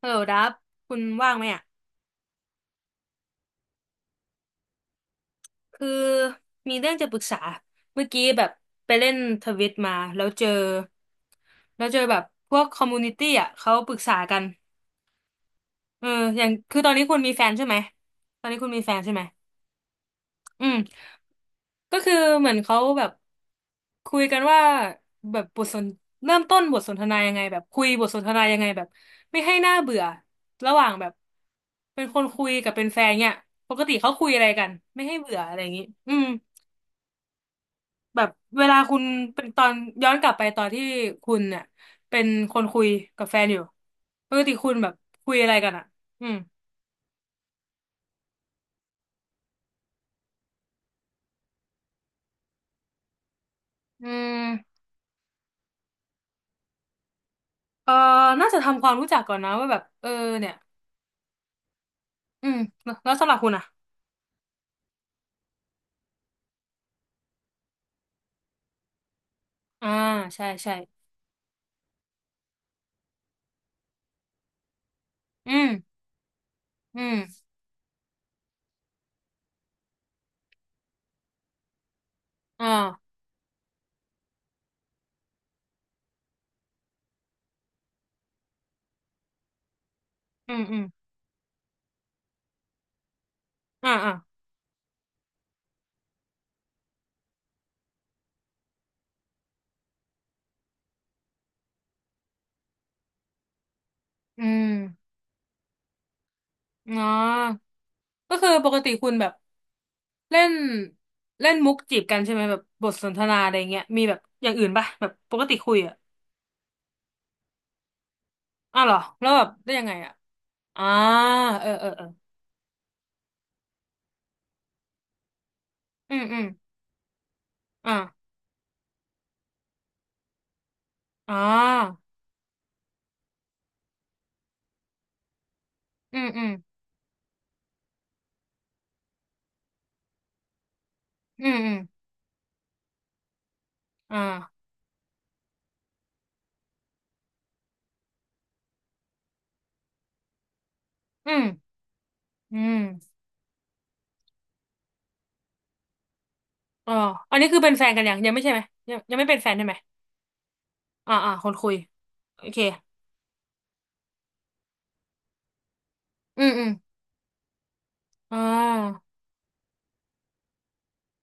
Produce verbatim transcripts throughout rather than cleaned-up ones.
ฮัลโหลดับคุณว่างไหมอ่ะคือมีเรื่องจะปรึกษา เมื่อกี้แบบไปเล่นทวิตมา แล้วเจอแล้วเจอแบบพวกคอมมูนิตี้อ่ะเขาปรึกษากันเอออย่างคือตอนนี้คุณมีแฟนใช่ไหมตอนนี้คุณมีแฟนใช่ไหม อืมก็คือเหมือนเขาแบบคุยกันว่าแบบบทสนเริ่มต้นบทสนทนายังไงแบบคุยบทสนทนายังไงแบบไม่ให้น่าเบื่อระหว่างแบบเป็นคนคุยกับเป็นแฟนเนี่ยปกติเขาคุยอะไรกันไม่ให้เบื่ออะไรอย่างนี้อืมแบบเวลาคุณเป็นตอนย้อนกลับไปตอนที่คุณเนี่ยเป็นคนคุยกับแฟนอยู่ปกติคุณแบบคุยอะไรกันอ่ะอืมอืมเออน่าจะทำความรู้จักก่อนนะว่าแบบเออเนี่ยอืมแล้วสำหรับคุณอ่ะ อ่าใช่ใช่ อืม อืมอ่าอืมอืมอ่าอ่าอืมอ๋อก็คือปกติคุณแบบเล่นเล่นมุกจีบกันใช่ไหมแบบบทสนทนาอะไรเงี้ยมีแบบอย่างอื่นป่ะแบบปกติคุยอ่ะอ้าวเหรอแล้วแบบได้ยังไงอ่ะอ่าเออเออเอออืมอืมอ่าอ่าอืมอืม อืมอืมอ่าอืมอืมอ๋ออันนี้คือเป็นแฟนกันยังยังไม่ใช่ไหมยังยังไม่เป็นแฟนใช่ไหมอ่าอ่าคนคุยโอเคอืมอืมอ่า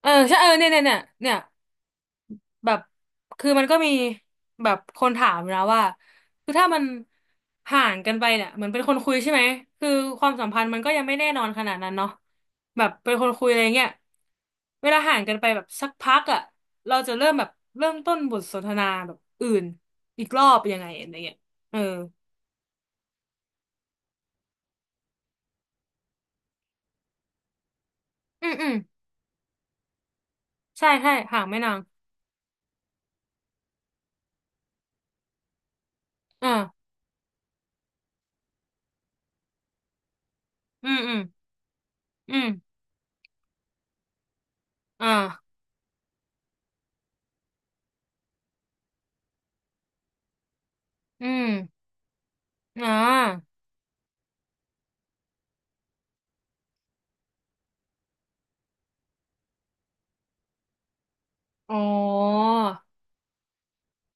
เออใช่เออเนี่ยเนี่ยเนี่ยเนี่ยแบบคือมันก็มีแบบคนถามนะว่าคือถ้ามันห่างกันไปเนี่ยเหมือนเป็นคนคุยใช่ไหมคือความสัมพันธ์มันก็ยังไม่แน่นอนขนาดนั้นเนาะแบบเป็นคนคุยอะไรเงี้ยเวลาห่างกันไปแบบสักพักอ่ะเราจะเริ่มแบบเริ่มต้นบทสนทนาแบบอื่นอีกรอบยังไงอะไรเงี้ยเอออืมอืมใช่ใช่ห่างไม่นานอ่าอืมอืมอืมอ่าอืมอ่าอ๋อ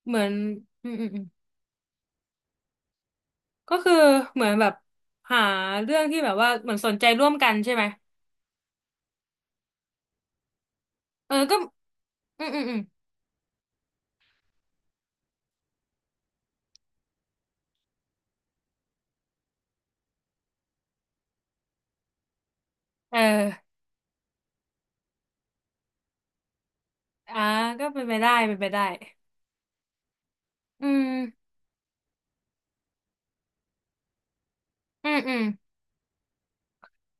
เหมือนอืมอืมอืมก็คือเหมือนแบบหาเรื่องที่แบบว่าเหมือนสนใจร่วมกันใช่ไหมเออก็อืมอืมอืมเอออ่าก็เป็นไปได้เป็นไปได้อืมอืมอืม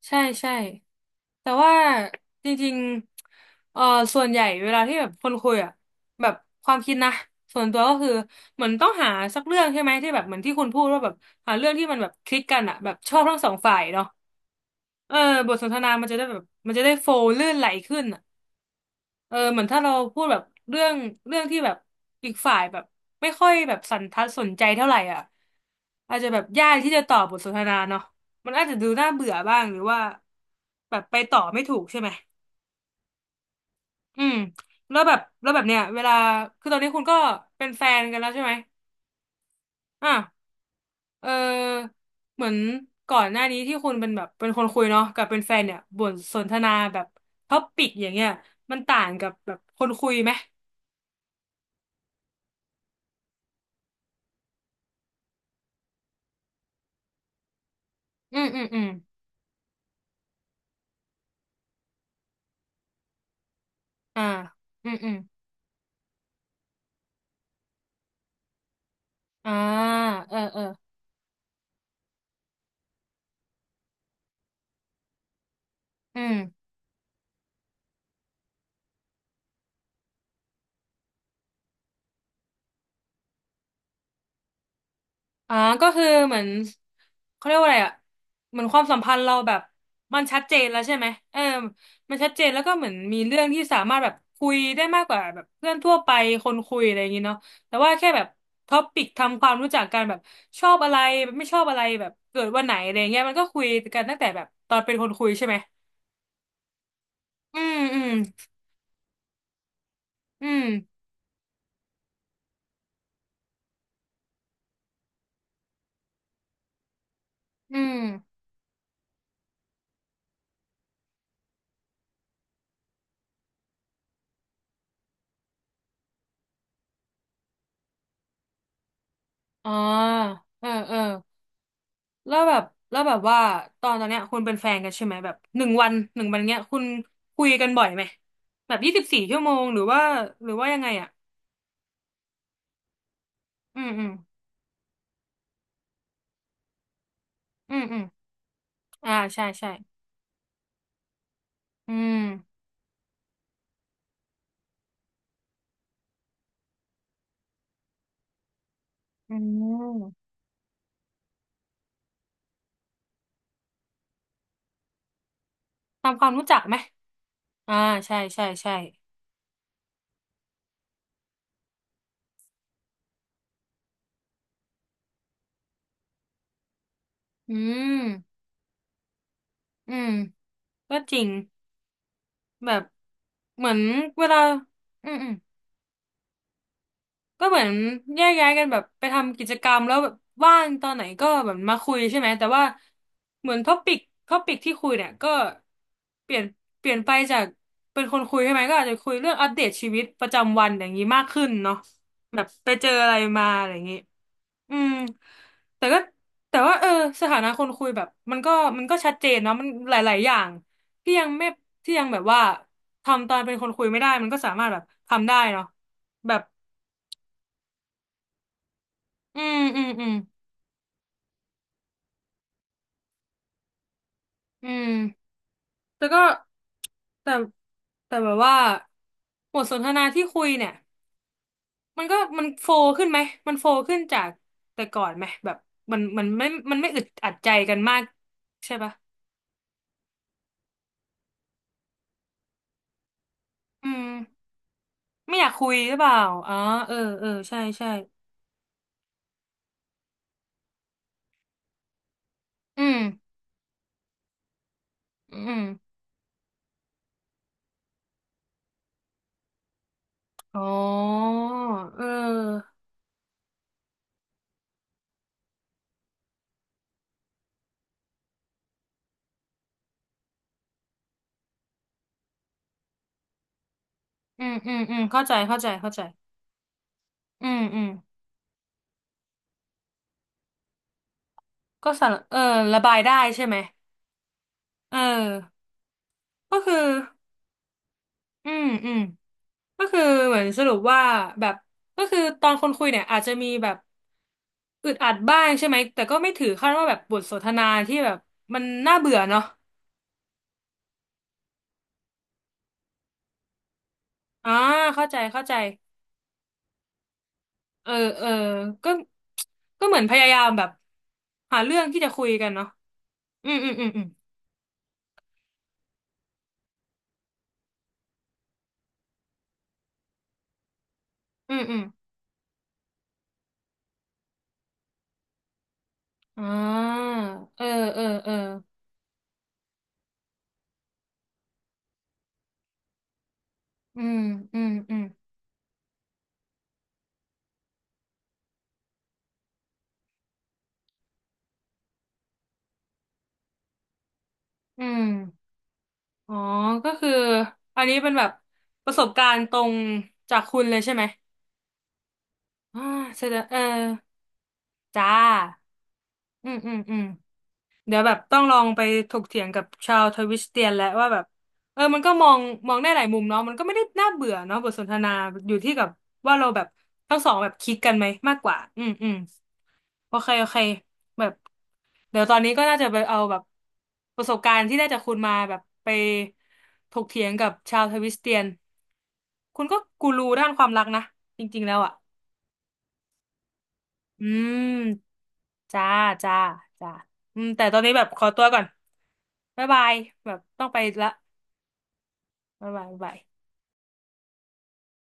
ใช่ใช่แต่ว่าจริงๆเออส่วนใหญ่เวลาที่แบบคนคุยอ่ะแบบความคิดนะส่วนตัวก็คือเหมือนต้องหาสักเรื่องใช่ไหมที่แบบเหมือนที่คุณพูดว่าแบบหาเรื่องที่มันแบบคลิกกันอ่ะแบบชอบทั้งสองฝ่ายเนาะเออบทสนทนามันจะได้แบบมันจะได้โฟล์ลื่นไหลขึ้น เออเหมือนถ้าเราพูดแบบเรื่องเรื่องที่แบบอีกฝ่ายแบบไม่ค่อยแบบสันทัดสนใจเท่าไหร่อ่ะอาจจะแบบยากที่จะต่อบทสนทนาเนาะมันอาจจะดูน่าเบื่อบ้างหรือว่าแบบไปต่อไม่ถูกใช่ไหมอืมแล้วแบบแล้วแบบเนี้ยเวลาคือตอนนี้คุณก็เป็นแฟนกันแล้วใช่ไหมอ่ะเออเหมือนก่อนหน้านี้ที่คุณเป็นแบบเป็นคนคุยเนาะกับเป็นแฟนเนี่ยบทสนทนาแบบท็อปิกอย่างเงี้ยมันต่างกับแบบคนคุยไหมอืมอืมอืม อ่าอืมอืมอ่าเออเอออืมอ่าก็คือเหมือนเขาเรียกว่าอะไรอ่ะเหมือนความสัมพันธ์เราแบบมันชัดเจนแล้วใช่ไหมเออมันชัดเจนแล้วก็เหมือนมีเรื่องที่สามารถแบบคุยได้มากกว่าแบบเพื่อนทั่วไปคนคุยอะไรอย่างงี้เนาะแต่ว่าแค่แบบท็อปิกทำความรู้จักกันแบบชอบอะไรไม่ชอบอะไรแบบเกิดวันไหนอะไรเงี้ยมันก็คุยกันตั้งแต่แบบตอนเป็นคนคุยใช่ไหมอืมอืมอืมอืมอ๋อเออเออ แล้วแบบแล้วแบบว่าตอนตอนเนี้ยคุณเป็นแฟนกันใช่ไหมแบบหนึ่งวันหนึ่งวันเนี้ยคุณคุยกันบ่อยไหมแบบยี่สิบสี่ชั่วโมงหรือว่าหรือว่ายังไงอ่ะอืมอืมอืมอืมอ่าใช่ใช่อืมอืมทำความรู้จักไหมอ่าใช่ใช่ใช่อืมอืมก็จริงแบบเหมือนเวลาอืมอืม ก็เหมือนแยกย้ายกันแบบไปทำกิจกรรมแล้วแบบว่างตอนไหนก็แบบมาคุยใช่ไหมแต่ว่าเหมือนท็อปิกท็อปิกที่คุยเนี่ยก็เปลี่ยนเปลี่ยนไปจากเป็นคนคุยใช่ไหมก็อาจจะคุยเรื่องอัปเดตชีวิตประจำวันอย่างนี้มากขึ้นเนาะแบบไปเจออะไรมาอะไรอย่างนี้อืมแต่ก็แต่ว่าเออสถานะคนคุยแบบมันก็มันก็ชัดเจนเนาะมันหลายๆอย่างที่ยังไม่ที่ยังแบบว่าทำตอนเป็นคนคุยไม่ได้มันก็สามารถแบบทำได้เนาะแบบ อืมอืมอืมอืมแต่ก็แต่แต่แบบว่าบทสนทนาที่คุยเนี่ยมันก็มันโฟลว์ขึ้นไหมมันโฟลว์ขึ้นจากแต่ก่อนไหมแบบมันมันไม่มันไม่อึดอัดใจกันมากใช่ปะอืมไม่อยากคุยหรือเปล่าอ๋อเออเออใช่ใช่อืมอืมอ๋อเอออืมอืมอืมเข้าใจเข้าใจเข้าใจอืมอืมก็สารเออระบายได้ใช่ไหมเออก็คืออืมอืม ก็คือเหมือนสรุปว่าแบบก็คือตอนคนคุยเนี่ยอาจจะมีแบบอึดอัดบ้างใช่ไหมแต่ก็ไม่ถือขั้นว่าแบบบทสนทนาที่แบบมันน่าเบื่อเนาะอ่าเข้าใจเข้าใจเออเออก็ก็เหมือนพยายามแบบหาเรื่องที่จะคุยกันเนาะอืมอืมอืมอืมอืมอืมอ่าเออเออเอออืมอืมอืมอืมอ๋อก็คืออันนี้เป็นแบบประสบการณ์ตรงจากคุณเลยใช่ไหมอ่าแสดงเออ จ้า อืม อืม อืม เดี๋ยวแบบต้องลองไปถกเถียงกับชาวทวิสเตียนแล้วว่าแบบเออมันก็มองมองได้หลายมุมเนาะมันก็ไม่ได้น่าเบื่อเนาะบทสนทนาอยู่ที่กับว่าเราแบบทั้งสองแบบคลิดกันไหมมากกว่าอืมอืมโอเคโอเคแบบเดี๋ยวตอนนี้ก็น่าจะไปเอาแบบประสบการณ์ที่ได้จากคุณมาแบบไปถกเถียงกับชาวทวิสเตียนคุณก็กูรูด้านความรักนะจริงๆแล้วอ่ะ อืมจ้าจ้าจ้าอืมแต่ตอนนี้แบบขอตัวก่อนบ๊ายบายแบบต้องไปละบ๊ายบายบ๊ายบาย